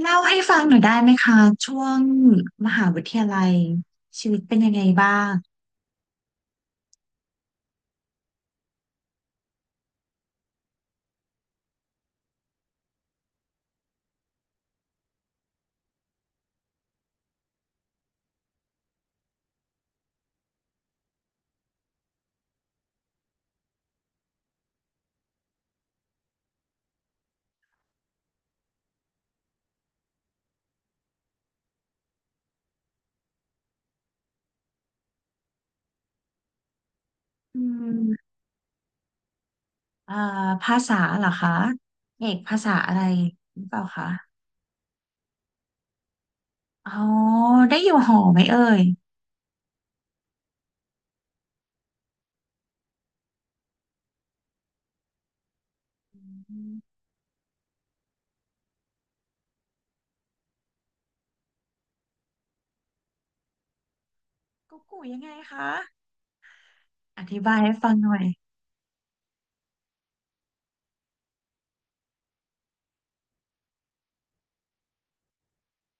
เล่าให้ฟังหน่อยได้ไหมคะช่วงมหาวิทยาลัยชีวิตเป็นยังไงบ้างอืมเอ่อภาษาเหรอคะเอกภาษาอะไรหรือเปล่าคะอ๋อได้อยู่หอไหมเอ่ยอืมกู๊กกูยังไงคะอธิบายให้ฟังหน่อย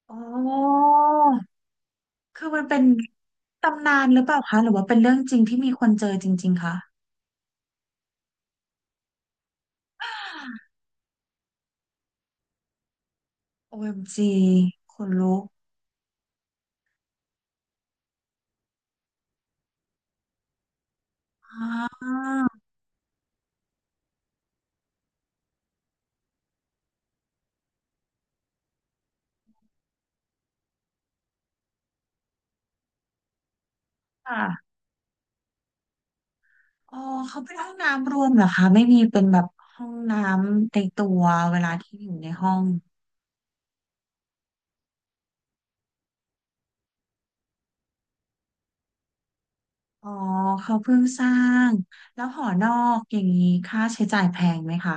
อ๋อคือมันเป็นตำนานหรือเปล่าคะหรือว่าเป็นเรื่องจริงที่มีคนเจอจริงๆคะ OMG คนลุกอ่า อ๋อเขาเป็นห้องน้ำรวมเหรอคะไม่มีเป็นแบบห้องน้ำในตัวเวลาที่อยู่ในห้องอ๋อเขาเพิ่งสร้างแล้วหอนอกอย่างนี้ค่าใช้จ่ายแพงไหมคะ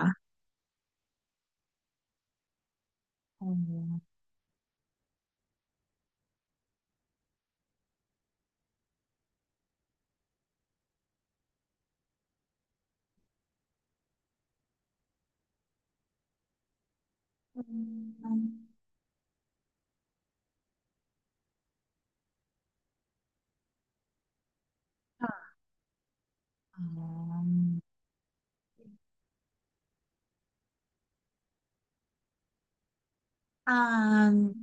อ๋ออืมค่ะอ๋ออ่า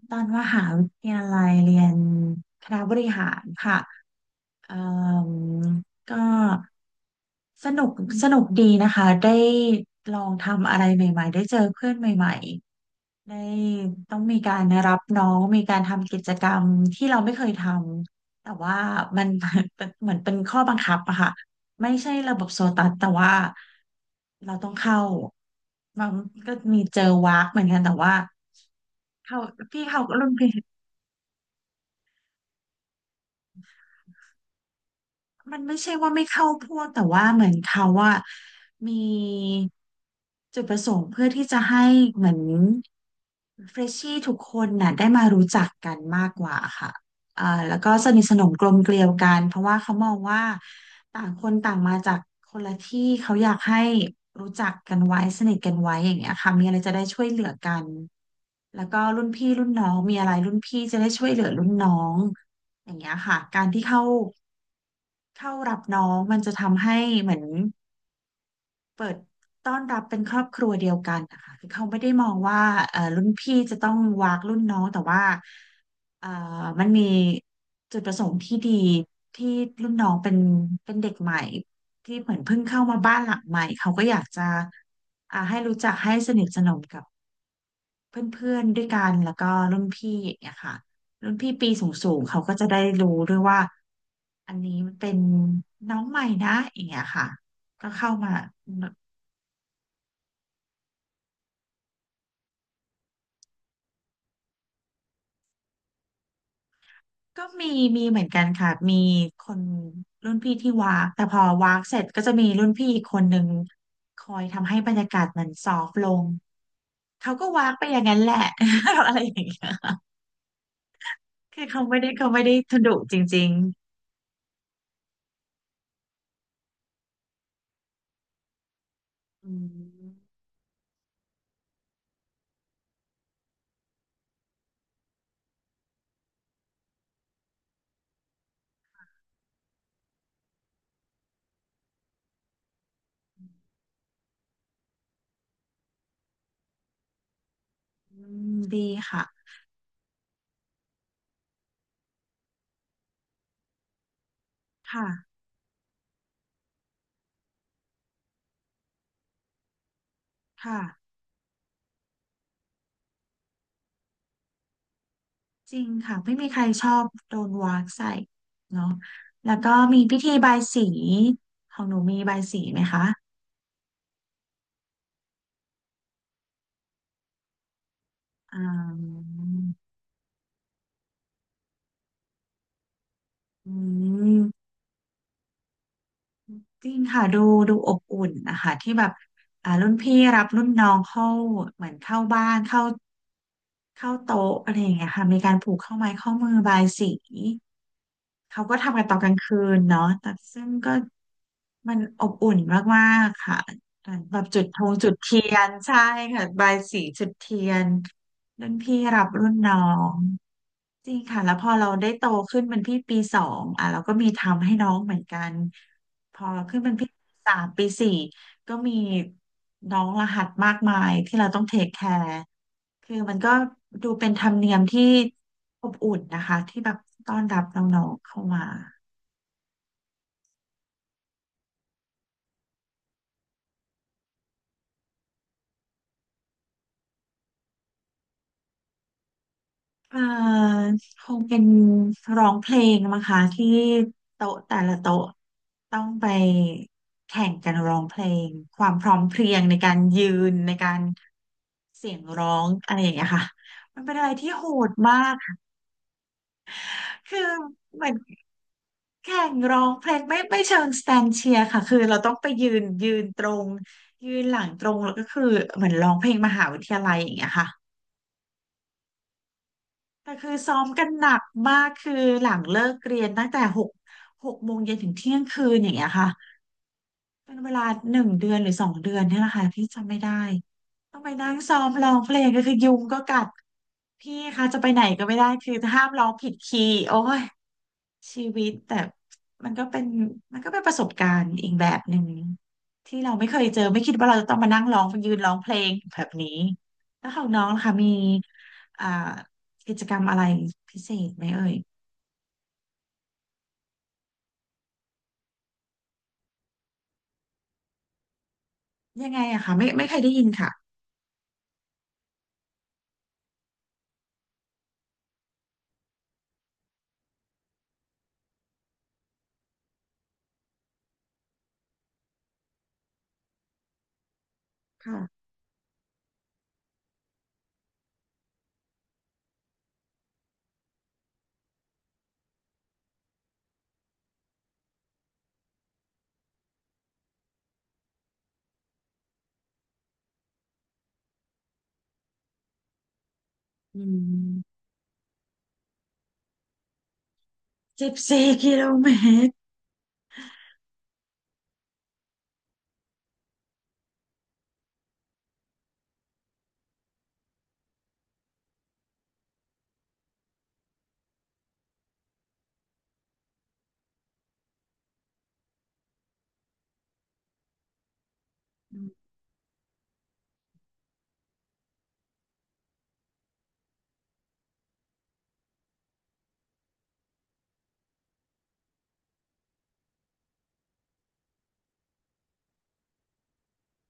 ตอนมหาวิทยาลัยเรียนคณะบริหารค่ะเอ่มก็สนุกดีนะคะได้ลองทำอะไรใหม่ๆได้เจอเพื่อนใหม่ๆ ในต้องมีการรับน้องมีการทำกิจกรรมที่เราไม่เคยทำแต่ว่ามัน เป็นเหมือนเป็นข้อบังคับอะค่ะไม่ใช่ระบบโซตัสแต่ว่าเราต้องเข้ามันก็มีเจอวากเหมือนกันแต่ว่าเขาพี่เขารุ่นพี่ มันไม่ใช่ว่าไม่เข้าพวกแต่ว่าเหมือนเขาว่ามีจุดประสงค์เพื่อที่จะให้เหมือนเฟรชชี่ทุกคนน่ะได้มารู้จักกันมากกว่าค่ะอ่าแล้วก็สนิทสนมกลมเกลียวกันเพราะว่าเขามองว่าต่างคนต่างมาจากคนละที่เขาอยากให้รู้จักกันไว้สนิทกันไว้อย่างเงี้ยค่ะมีอะไรจะได้ช่วยเหลือกันแล้วก็รุ่นพี่รุ่นน้องมีอะไรรุ่นพี่จะได้ช่วยเหลือรุ่นน้องอย่างเงี้ยค่ะการที่เข้า เข้ารับน้องมันจะทำให้เหมือนเปิดต้อนรับเป็นครอบครัวเดียวกันนะคะคือเขาไม่ได้มองว่ารุ่นพี่จะต้องวากรุ่นน้องแต่ว่าเอ่อมันมีจุดประสงค์ที่ดีที่รุ่นน้องเป็นเป็นเด็กใหม่ที่เหมือนเพิ่งเข้ามาบ้านหลังใหม่เขาก็อยากจะอ่าให้รู้จักให้สนิทสนมกับเพื่อนๆด้วยกันแล้วก็รุ่นพี่อย่างเงี้ยค่ะรุ่นพี่ปีสูงๆเขาก็จะได้รู้ด้วยว่า อันนี้มันเป็นน้องใหม่นะอย่างเงี้ยค่ะก็เข้ามาก็มีเหมือนกันค่ะมีคนรุ่นพี่ที่วากแต่พอวากเสร็จก็จะมีรุ่นพี่อีกคนหนึ่งคอยทำให้บรรยากาศมันซอฟต์ลงเขาก็วากไปอย่างนั้นแหละ อะไรอย่างเงี้ยคือเขาไม่ได้ทุดุจริงๆอืมอืมดีค่ะค่ะค่ะ จริงค่ะไม่มีใครชอบโดนวากใส่เนาะแล้วก็มีพิธีบายสีของหนูมีบายสีไหมคะอ่าอืมจริงค่ะดูอบอุ่นนะคะที่แบบอ่ารุ่นพี่รับรุ่นน้องเข้าเหมือนเข้าบ้านเข้าโต๊ะอะไรอย่างเงี้ยค่ะมีการผูกข้อไม้ข้อมือบายสี เขาก็ทำกันตอนกลางคืนเนาะแต่ซึ่งก็มันอบอุ่นมากๆค่ะ แบบจุดธงจุดเทียนใช่ค่ะบายสีจุดเทียนรุ่นพี่รับรุ่นน้อง จริงค่ะแล้วพอเราได้โตขึ้นเป็นพี่ปีสองอ่ะเราก็มีทำให้น้องเหมือนกันพอขึ้นเป็นพี่ปีสามปีสี่ก็มีน้องรหัสมากมายที่เราต้องเทคแคร์คือมันก็ดูเป็นธรรมเนียมที่อบอุ่นนะคะที่แบบต้อนรับน้องๆเข้ามา เอ่อคงเป็นร้องเพลงมั้งคะที่โต๊ะแต่ละโต๊ะต้องไปแข่งกันร้องเพลงความพร้อมเพรียงในการยืนในการเสียงร้องอะไรอย่างเงี้ยค่ะมันเป็นอะไรที่โหดมากคือเหมือนแข่งร้องเพลงไม่เชิงสแตนเชียร์ค่ะคือเราต้องไปยืนตรงยืนหลังตรงแล้วก็คือเหมือนร้องเพลงมหาวิทยาลัยอย่างเงี้ยค่ะ แต่คือซ้อมกันหนักมากคือหลังเลิกเรียนตั้งแต่หกโมงเย็นถึงเที่ยงคืนอย่างเงี้ยค่ะ เป็นเวลาหนึ่งเดือนหรือสองเดือนเนี่ยแหละค่ะพี่จำไม่ได้ต้องไปนั่งซ้อมร้องเพลงก็คือยุงก็กัดพี่คะจะไปไหนก็ไม่ได้คือห้ามร้องผิดคีย์โอ้ยชีวิตแต่มันก็เป็นประสบการณ์อีกแบบหนึ่งที่เราไม่เคยเจอไม่คิดว่าเราจะต้องมานั่งร้องยืนร้องเพลงแบบนี้แล้วของน้องล่ะคะมีอ่ากิจกรรมอะไรพิเศษไหมเอ่ยยังไงอะคะไม่เคยได้ยินค่ะค่ะอืม14 กิโลเมตร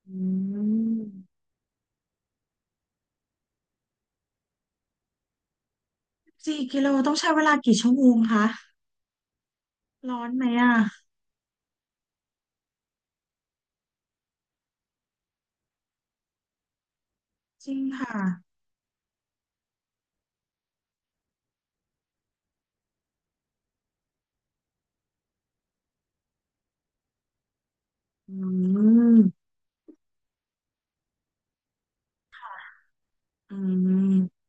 อืมสี่กิโลต้องใช้เวลากี่ชั่วโมงคะร้อนไหมอ่ะจริงค่ะอืมอืม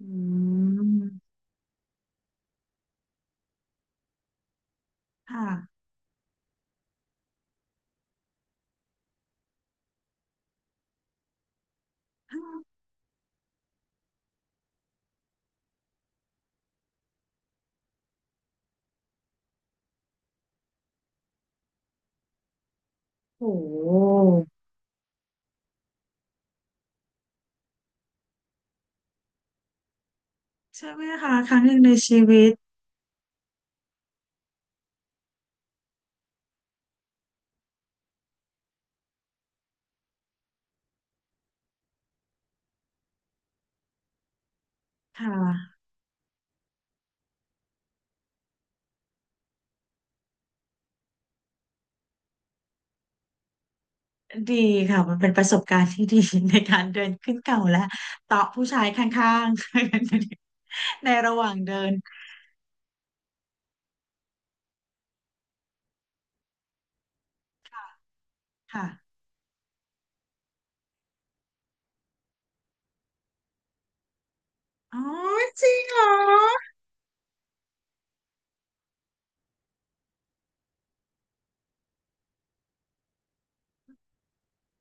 อืมค่ะโอ้โหใช่ไหมคะครั้งหนึ่งในชีวิตค่ะดีค่ะมันเป็นประสบการณ์ที่ดี ในการเดินขึ้นเขาและเตาะผู้ชายข้างๆ ในระหว่างเดินค่ะอ๋อจริงเหรอ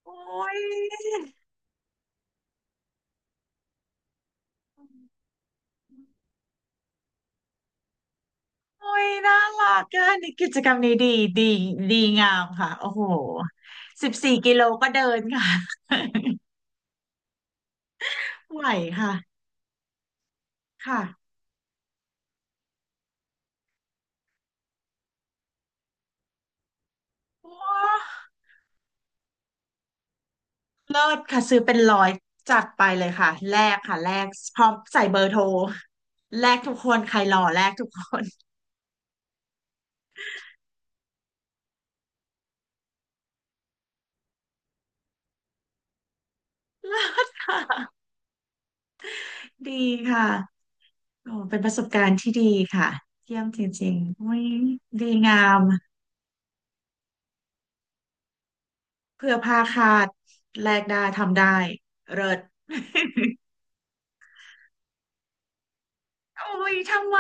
โอ้ย โอ้ยน่ารักเกันกิจกรรมนี้ดีดีดีงามค่ะโอ้โหสิบสี่กิโลก็เดินค่ะ ไหวค่ะค่ะว้าเลิศค่ะซื้อเป็นร้อยจัดไปเลยค่ะแลกค่ะแลกพร้อมใส่เบอร์โทรแลกทุกคนใครหล่อแลกทุกคนเลิศค่ะดีค่ะโอ้เป็นประสบการณ์ที่ดีค่ะเยี่ยมจริงๆอุ้ยดีงามเพื่อผ้าคาดแลกได้ทำได้เลิศ โอ้ยทำไม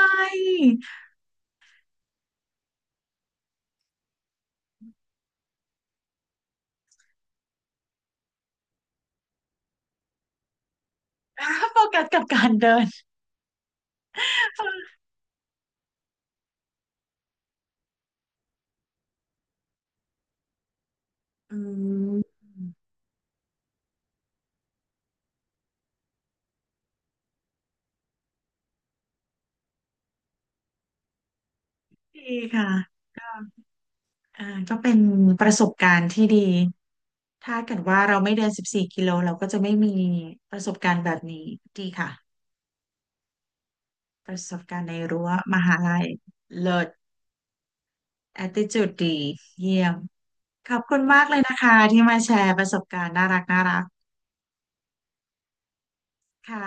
โฟกัสกับการเดิน อืมดีค่ะก็อ่าก็เป็นประสบการณ์ที่ดีถ้าเกิดว่าเราไม่เดินสิบสี่กิโลเราก็จะไม่มีประสบการณ์แบบนี้ดีค่ะประสบการณ์ในรั้วมหาลัยเลิศ attitude ดีเยี่ยมขอบคุณมากเลยนะคะที่มาแชร์ประสบการณ์น่ารักน่ารักค่ะ